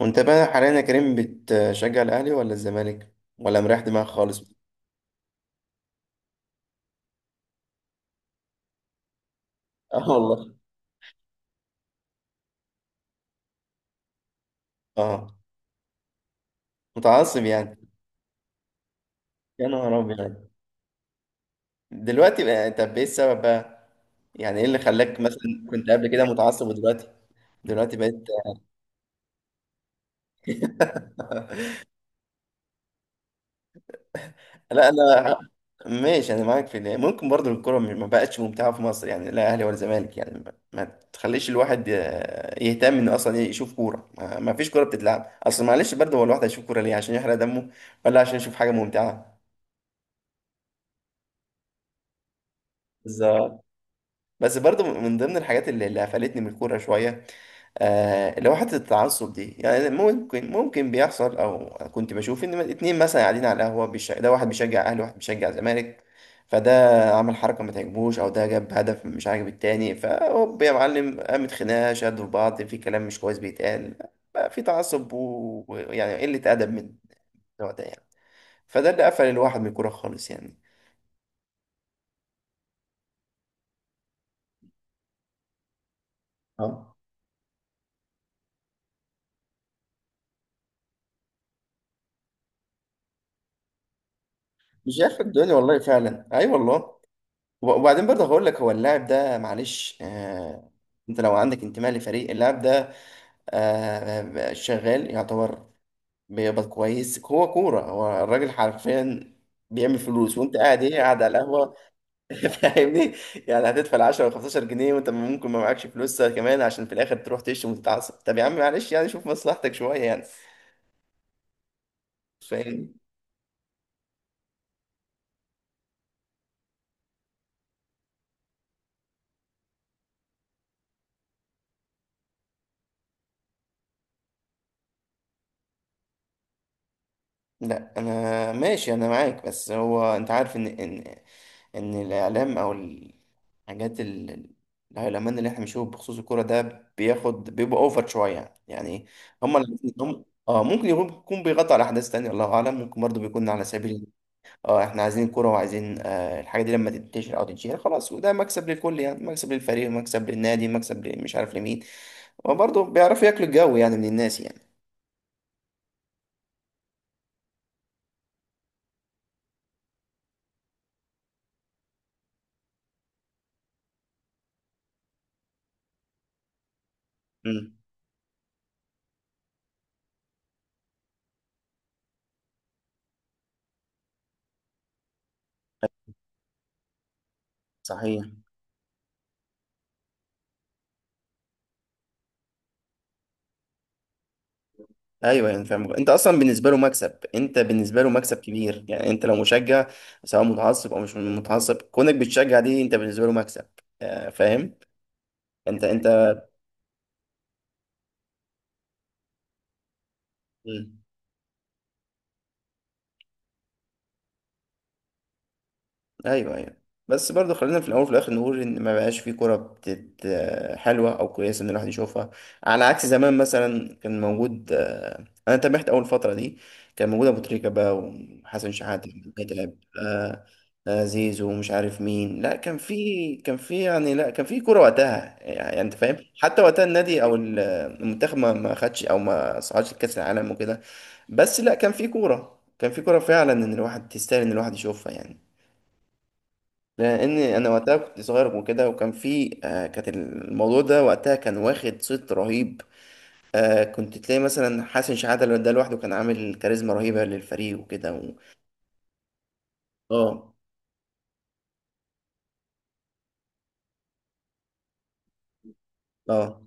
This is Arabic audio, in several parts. وانت بقى حاليا يا كريم بتشجع الاهلي ولا الزمالك ولا مريح دماغك خالص؟ اه والله. اه، متعصب يعني. يا نهار ابيض، دلوقتي بقى طب ايه السبب بقى؟ يعني ايه اللي خلاك مثلا كنت قبل كده متعصب ودلوقتي دلوقتي بقيت؟ لا انا ماشي، انا معاك في ده. ممكن برضو الكرة ما بقتش ممتعة في مصر، يعني لا اهلي ولا زمالك، يعني ما تخليش الواحد يهتم انه اصلا يشوف كورة. ما فيش كورة بتتلعب. اصل معلش برضو هو الواحد هيشوف كورة ليه؟ عشان يحرق دمه ولا عشان يشوف حاجة ممتعة؟ بالظبط. بس برضو من ضمن الحاجات اللي قفلتني من الكورة شوية، اللي هو حتة التعصب دي. يعني ممكن بيحصل، أو كنت بشوف إن اتنين مثلا قاعدين على القهوة ده واحد بيشجع أهلي وواحد بيشجع زمالك، فده عمل حركة ما تعجبوش أو ده جاب هدف مش عاجب التاني، فهوب يا معلم قامت خناقة، شدوا في بعض، في كلام مش كويس بيتقال، بقى في تعصب ويعني قلة أدب من النوع ده يعني. فده اللي قفل الواحد من الكورة خالص يعني. اه، مش عارف الدنيا والله فعلا، أي والله. وبعدين برضه هقول لك، هو اللاعب ده معلش آه، انت لو عندك انتماء لفريق، اللاعب ده آه شغال يعتبر، بيقبض كويس. هو كورة، هو الراجل حرفيا بيعمل فلوس، وانت قاعد ايه؟ قاعد على القهوة. فاهمني يعني؟ هتدفع 10 و 15 جنيه وانت ممكن ما معكش فلوس كمان، عشان في الاخر تروح تشتم وتتعصب. طب يا عم معلش يعني، شوف مصلحتك شوية يعني. فاهمني؟ لا انا ماشي، انا معاك. بس هو انت عارف ان ان الاعلام او الحاجات الهيلمان اللي احنا بنشوفه بخصوص الكوره ده بياخد بيبقى اوفر شويه يعني. هم اللي هم اه ممكن يكون بيغطي على احداث تانية، الله اعلم. ممكن برضه بيكون على سبيل، اه احنا عايزين كوره وعايزين آه الحاجه دي لما تنتشر او تتشهر خلاص، وده مكسب للكل، يعني مكسب للفريق، مكسب للنادي، مكسب مش عارف لمين. وبرضه بيعرفوا ياكلوا الجو يعني من الناس يعني. امم، صحيح. ايوه يعني فاهم، انت اصلا بالنسبه له مكسب، انت بالنسبه له مكسب كبير يعني. انت لو مشجع، سواء متعصب او مش متعصب، كونك بتشجع دي، انت بالنسبه له مكسب. آه، فاهم. انت مم. ايوه، ايوه. بس برضو خلينا في الاول وفي الاخر نقول ان ما بقاش في كوره بتت حلوه او كويسه ان الواحد يشوفها. على عكس زمان مثلا، كان موجود انا تابعت اول فتره دي، كان موجود ابو تريكه بقى وحسن شحاته، متعب، آه، زيزو ومش عارف مين. لا كان في، كان في، يعني لا كان في كوره وقتها يعني، انت فاهم. حتى وقتها النادي او المنتخب ما خدش او ما صعدش لكاس العالم وكده، بس لا كان في كوره، كان في كوره فعلا ان الواحد تستاهل ان الواحد يشوفها يعني. لان انا وقتها كنت صغير وكده، وكان في كانت الموضوع ده وقتها كان واخد صيت رهيب. كنت تلاقي مثلا حسن شحاته لو ده لوحده كان عامل كاريزما رهيبه للفريق وكده و... اه. اه.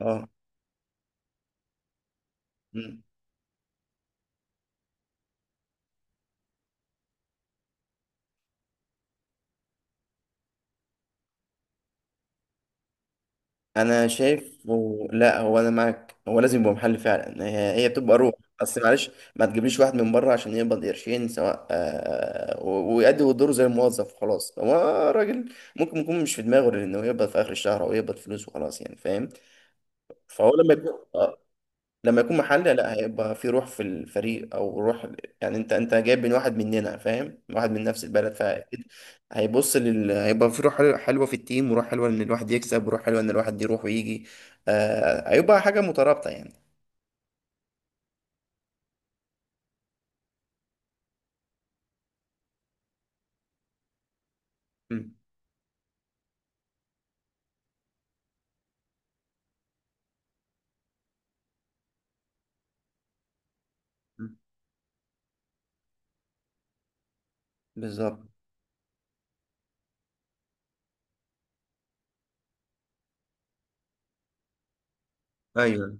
اه. مم. انا شايف و... لا، هو انا معاك، هو لازم يبقى محل فعلا، هي، هي بتبقى روح. اصل معلش، ما تجيبليش واحد من بره عشان يقبض قرشين سواء ويأدي دوره زي الموظف وخلاص. هو راجل، ممكن يكون مش في دماغه غير انه يقبض في اخر الشهر او يقبض فلوس وخلاص يعني، فاهم؟ فهو لما يكون لما يكون محلي، لا هيبقى في روح في الفريق او روح يعني. انت جايب من واحد مننا، فاهم، واحد من نفس البلد، فاكيد هيبقى في روح حلوة، حلوة في التيم، وروح حلوة ان الواحد يكسب، وروح حلوة ان الواحد يروح ويجي. آه، هيبقى حاجة مترابطة يعني. م- م- بالظبط. ايوه.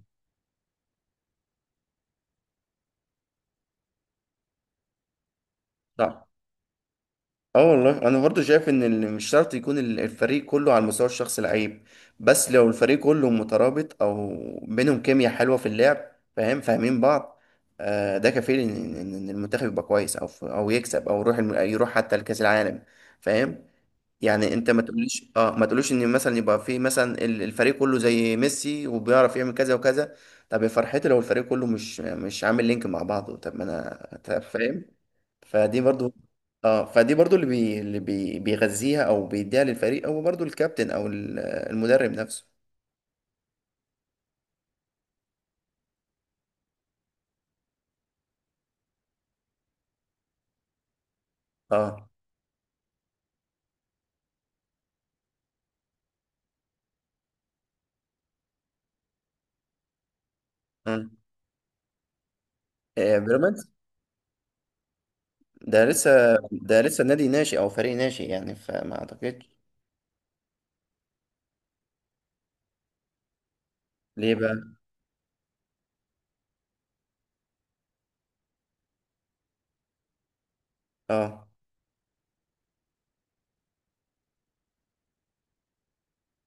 صح. اه والله، انا برضو شايف ان اللي مش شرط يكون الفريق كله على المستوى الشخصي لعيب، بس لو الفريق كله مترابط او بينهم كيمياء حلوه في اللعب، فاهم، فاهمين بعض، آه، ده كفيل ان إن المنتخب يبقى كويس او او يكسب او يروح يروح حتى لكاس العالم، فاهم يعني. انت ما تقوليش اه، ما تقوليش ان مثلا يبقى في مثلا الفريق كله زي ميسي وبيعرف يعمل كذا وكذا. طب يا فرحتي لو الفريق كله مش عامل لينك مع بعضه، طب ما انا طب فاهم. فدي برضو. اه، فدي برضو بيغذيها او بيديها للفريق هو برضو الكابتن او المدرب نفسه. اه. مم. آه، بيراميدز. ده لسه، ده لسه نادي ناشئ او فريق ناشئ يعني، فما اعتقدش. ليه بقى؟ اه.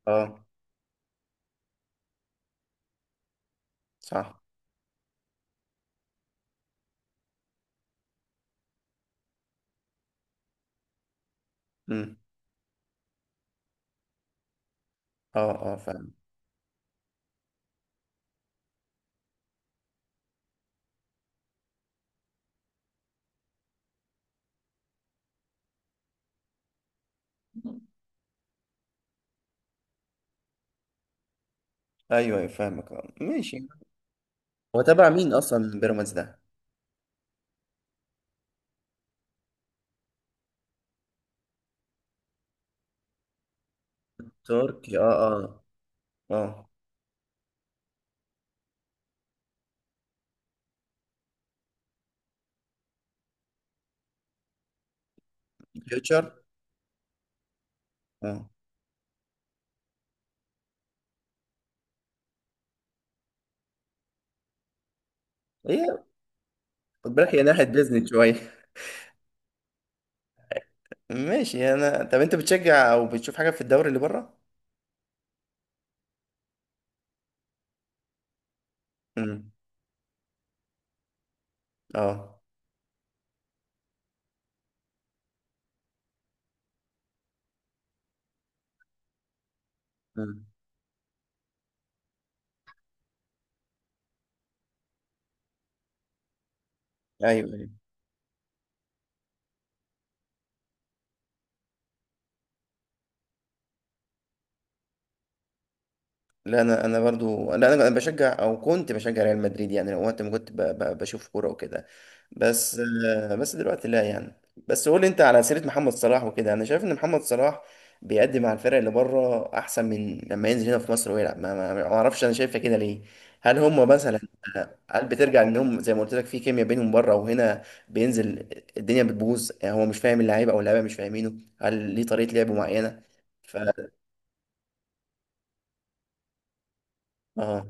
اه. صح. امم. اه، اه، فاهم. ايوه، ايوه، فاهمك. اه، ماشي. هو تبع مين اصلا بيراميدز ده؟ تركي، اه. اه. اه، فيوتشر. اه. هي، خد بالك هي ناحية بيزنس شوية. ماشي. انا طب انت بتشجع او بتشوف حاجه في الدوري اللي بره؟ امم. اه. مم. ايوه، ايوه. لا انا، انا برضو، لا انا بشجع او كنت بشجع ريال مدريد يعني لو وقت ما كنت بشوف كوره وكده، بس آه، بس دلوقتي لا يعني. بس قول لي، انت على سيره محمد صلاح وكده، انا شايف ان محمد صلاح بيقدم مع الفرق اللي بره احسن من لما ينزل هنا في مصر ويلعب. ما اعرفش، انا شايفها كده ليه. هل هم مثلا آه، هل بترجع انهم زي ما قلت لك في كيمياء بينهم بره، وهنا بينزل الدنيا بتبوظ يعني، هو مش فاهم اللعيبه او اللعيبه مش فاهمينه؟ هل ليه طريقه لعب معينه؟ ف، اه.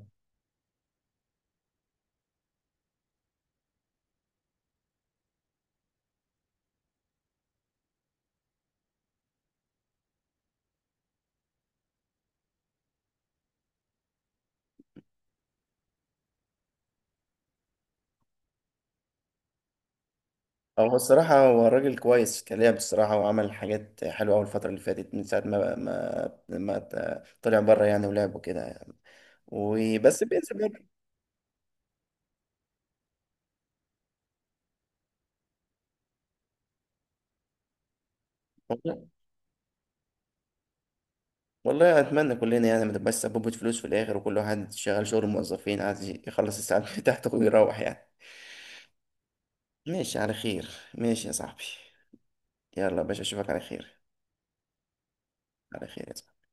هو الصراحة هو الراجل كويس كلاعب الصراحة، وعمل حاجات حلوة أوي الفترة اللي فاتت من ساعة ما ما ما ت- طلع بره يعني ولعب وكده يعني. وبس بينزل برضه. والله. والله أتمنى كلنا يعني ما تبقاش سببة فلوس في الآخر، وكل واحد شغال شغل الموظفين عايز يخلص الساعات بتاعته ويروح يعني. ماشي على خير. ماشي يا صاحبي. يلا يا باشا، أشوفك على خير. على خير يا صاحبي.